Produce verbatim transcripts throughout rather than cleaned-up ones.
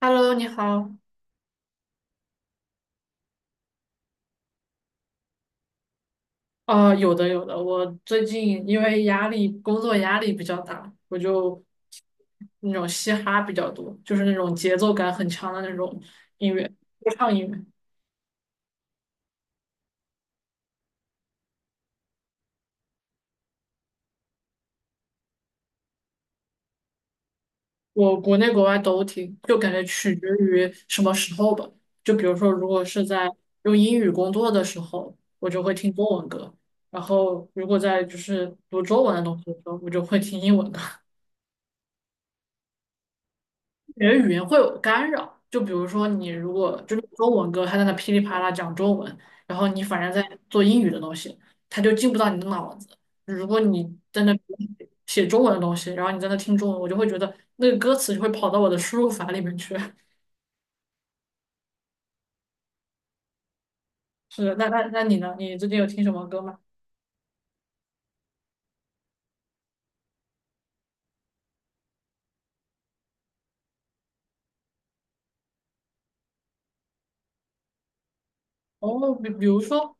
Hello，你好。呃，有的有的，我最近因为压力，工作压力比较大，我就那种嘻哈比较多，就是那种节奏感很强的那种音乐，说唱音乐，我国内国外都听，就感觉取决于什么时候吧。就比如说，如果是在用英语工作的时候，我就会听中文歌；然后如果在就是读中文的东西的时候，我就会听英文歌。你的语言会有干扰。就比如说，你如果就是中文歌，他在那噼里啪啦讲中文，然后你反正在做英语的东西，他就进不到你的脑子。如果你在那写中文的东西，然后你在那听中文，我就会觉得那个歌词就会跑到我的输入法里面去。是的，那那那你呢？你最近有听什么歌吗？哦，比比如说，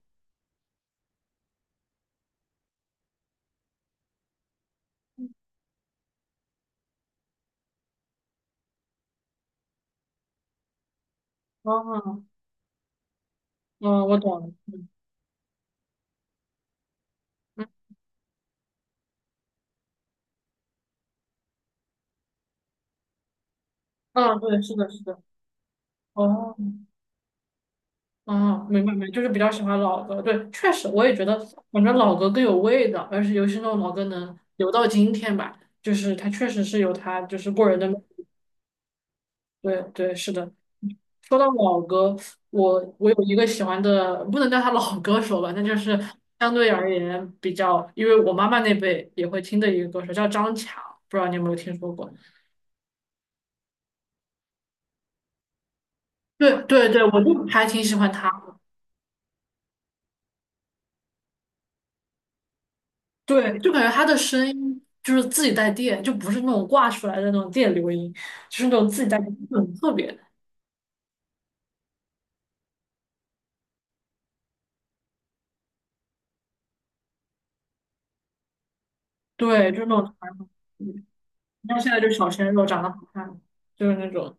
哦，嗯，我懂了，嗯嗯，啊，对，是的，是的，哦。哦，明白明白，就是比较喜欢老歌。对，确实我也觉得，反正老歌更有味道，而且尤其是那种老歌能留到今天吧，就是它确实是有它就是过人的魅力对对，是的。说到老歌，我我有一个喜欢的，不能叫他老歌手吧，那就是相对而言比较，因为我妈妈那辈也会听的一个歌手叫张强，不知道你有没有听说过？对对对，我就还挺喜欢他。对，就感觉他的声音就是自己带电，就不是那种挂出来的那种电流音，就是那种自己带电，就很特别对，就是那种传奇。然后现在就是小鲜肉长得好看，就是那种，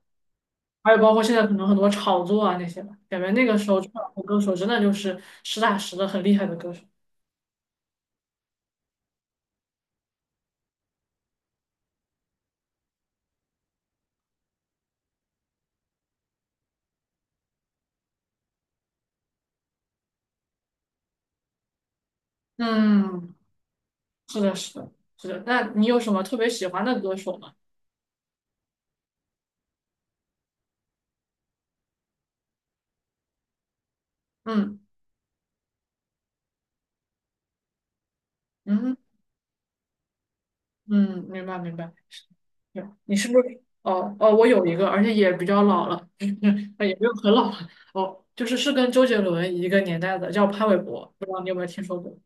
还有包括现在可能很多炒作啊那些吧，感觉那个时候唱的歌手真的就是实打实的很厉害的歌手。嗯，是的，是的，是的。那你有什么特别喜欢的歌手吗？嗯嗯。嗯，明白明白。对，你是不是？哦哦，我有一个，而且也比较老了，也不有很老了。哦，就是是跟周杰伦一个年代的，叫潘玮柏，不知道你有没有听说过？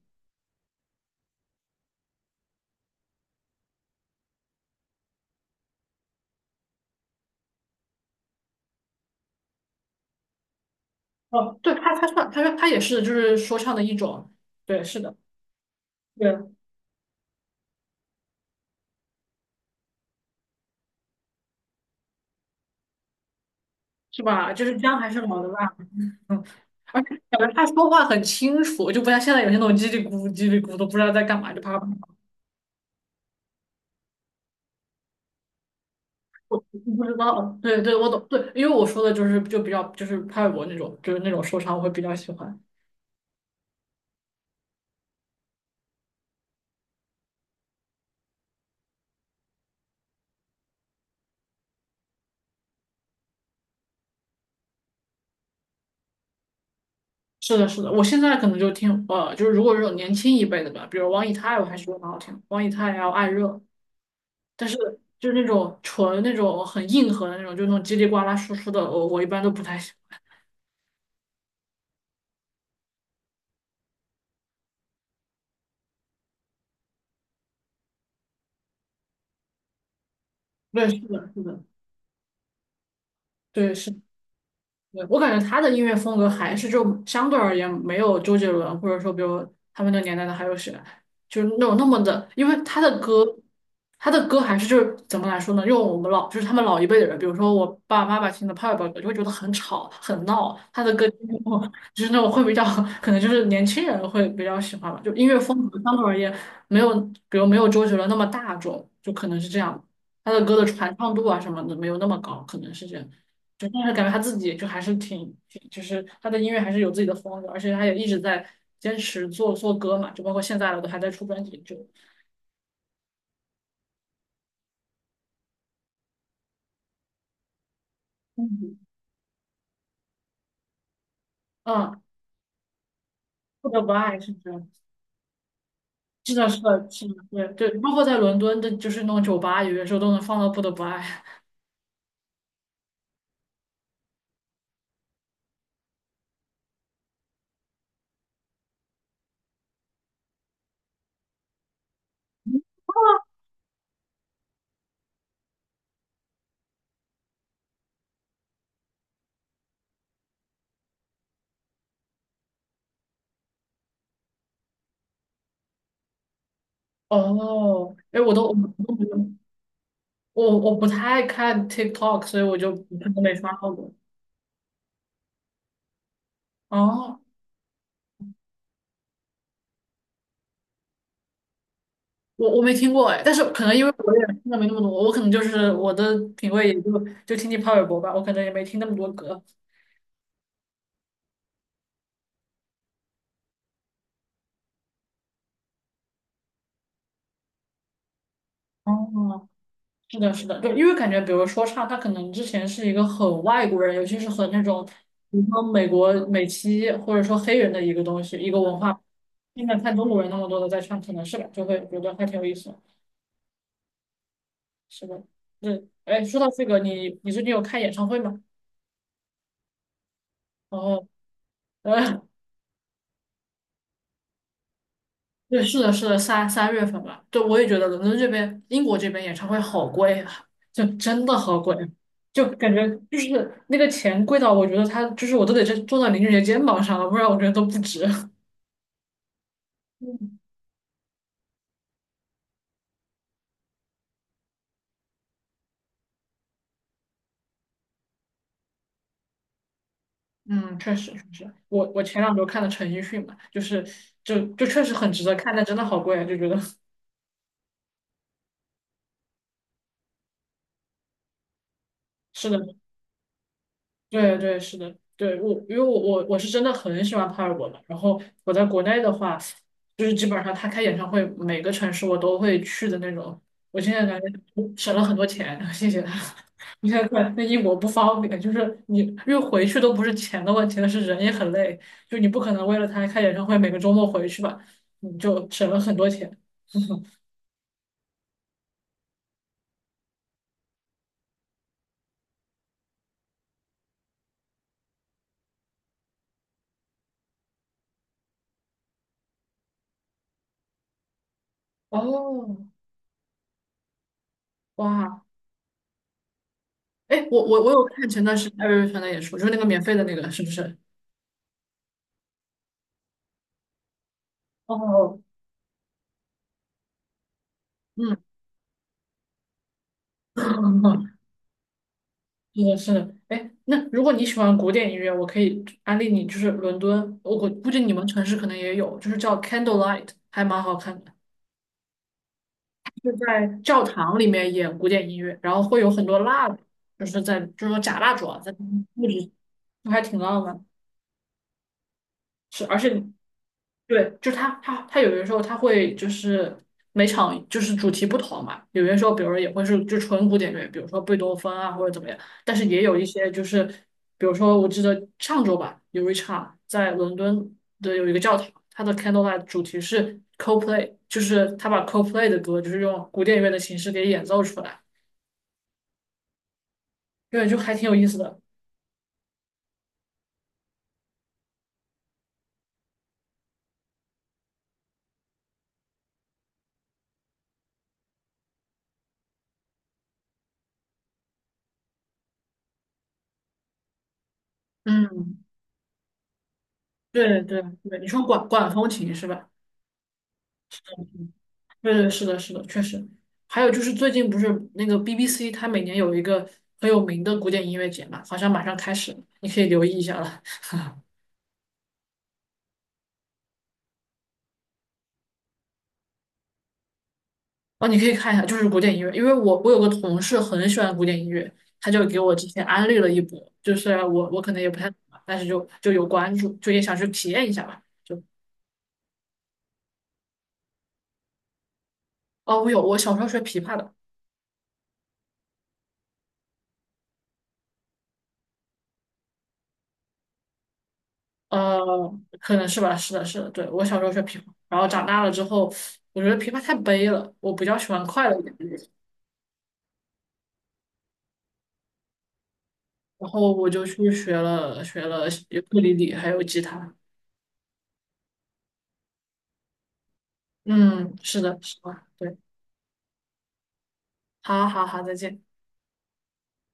哦，对，他他唱，他说他也是就是说唱的一种。对，是的，对，是吧？就是姜还是老的辣，嗯，而且感觉他说话很清楚，就不像现在有些那种叽里咕噜叽里咕噜都不知道在干嘛，就啪啪啪，不知道。对对，我懂，对，因为我说的就是就比较就是潘玮柏那种，就是那种说唱，我会比较喜欢。是的，是的，我现在可能就听，呃，就是如果这种年轻一辈的吧，比如王以太，我还是觉得蛮好听的王以太还有艾热，但是就是那种纯那种很硬核的那种，就那种叽里呱啦说出的，我我一般都不太喜欢。对，是的，是的，对，是的。对，我感觉他的音乐风格还是就相对而言没有周杰伦，或者说比如他们那个年代的还有谁，就是那种那么的，因为他的歌，他的歌还是就是怎么来说呢？用我们老就是他们老一辈的人，比如说我爸爸妈妈听的爸爸歌就会觉得很吵很闹，他的歌就是那种就是那种会比较可能就是年轻人会比较喜欢吧，就音乐风格相对而言没有比如没有周杰伦那么大众，就可能是这样，他的歌的传唱度啊什么的没有那么高，可能是这样。就但是感觉他自己就还是挺挺，就是他的音乐还是有自己的风格，而且他也一直在坚持做做歌嘛，就包括现在了都还在出专辑，就嗯嗯，不得不爱是这样，是的，是的，是的，对对，包括在伦敦的，就是那种酒吧，有些时候都能放到《不得不爱》。哦，哎，我都我我不太看 TikTok，所以我就可能没刷到过。哦，我我没听过哎，但是可能因为我也听的没那么多，我可能就是我的品味也就就听听潘玮柏吧，我可能也没听那么多歌。哦，是的，是的，对，因为感觉，比如说唱，他可能之前是一个很外国人，尤其是很那种，比如说美国美籍或者说黑人的一个东西，一个文化。现在看中国人那么多的在唱，可能是吧，就会觉得还挺有意思是的，对，哎，说到这个，你你最近有看演唱会吗？然后，呃，对，是的，是的，三三月份吧。对，我也觉得伦敦这边、英国这边演唱会好贵啊，就真的好贵，就感觉就是那个钱贵到我觉得他就是我都得这坐到林俊杰肩膀上了，不然我觉得都不值。嗯，嗯确实确实，我我前两周看的陈奕迅嘛，就是就就确实很值得看，但真的好贵啊，就觉得 是的。对对，是的，对我，因为我我我是真的很喜欢帕尔博嘛。然后我在国内的话，就是基本上他开演唱会，每个城市我都会去的那种。我现在感觉省了很多钱，谢谢他。你看，看那英国不方便，就是你因为回去都不是钱的问题，但是人也很累，就你不可能为了他开演唱会每个周末回去吧，你就省了很多钱。哦，哇，哎，我我我有看前段时间艾薇薇传的演出，就是那个免费的那个，是不是？哦，嗯。是的，是的，哎，那如果你喜欢古典音乐，我可以安利你，就是伦敦，我估估计你们城市可能也有，就是叫 Candlelight，还蛮好看的，就是在教堂里面演古典音乐，然后会有很多蜡烛就是在就是说假蜡烛啊，在布置，就还挺浪漫。是，而且对，就是他他他有的时候他会就是每场就是主题不同嘛，有些时候比如说也会是就纯古典乐，比如说贝多芬啊或者怎么样，但是也有一些就是比如说我记得上周吧，有一场在伦敦的有一个教堂，它的 Candlelight 主题是 Coldplay，就是他把 Coldplay 的歌就是用古典乐的形式给演奏出来，对，就还挺有意思的。嗯，对对对，你说管管风琴是吧？对对，是的，是的，确实。还有就是最近不是那个 B B C，它每年有一个很有名的古典音乐节嘛，好像马上开始了，你可以留意一下了。哦，你可以看一下，就是古典音乐，因为我我有个同事很喜欢古典音乐，他就给我之前安利了一波，就是我我可能也不太懂吧，但是就就有关注，就也想去体验一下吧。就哦，我有，我小时候学琵琶的，呃，可能是吧，是的，是的，对，我小时候学琵琶，然后长大了之后，我觉得琵琶太悲了，我比较喜欢快乐一点。的然后我就去学了学了尤克里里还有吉他。嗯，是的，是的，对，好好好，再见。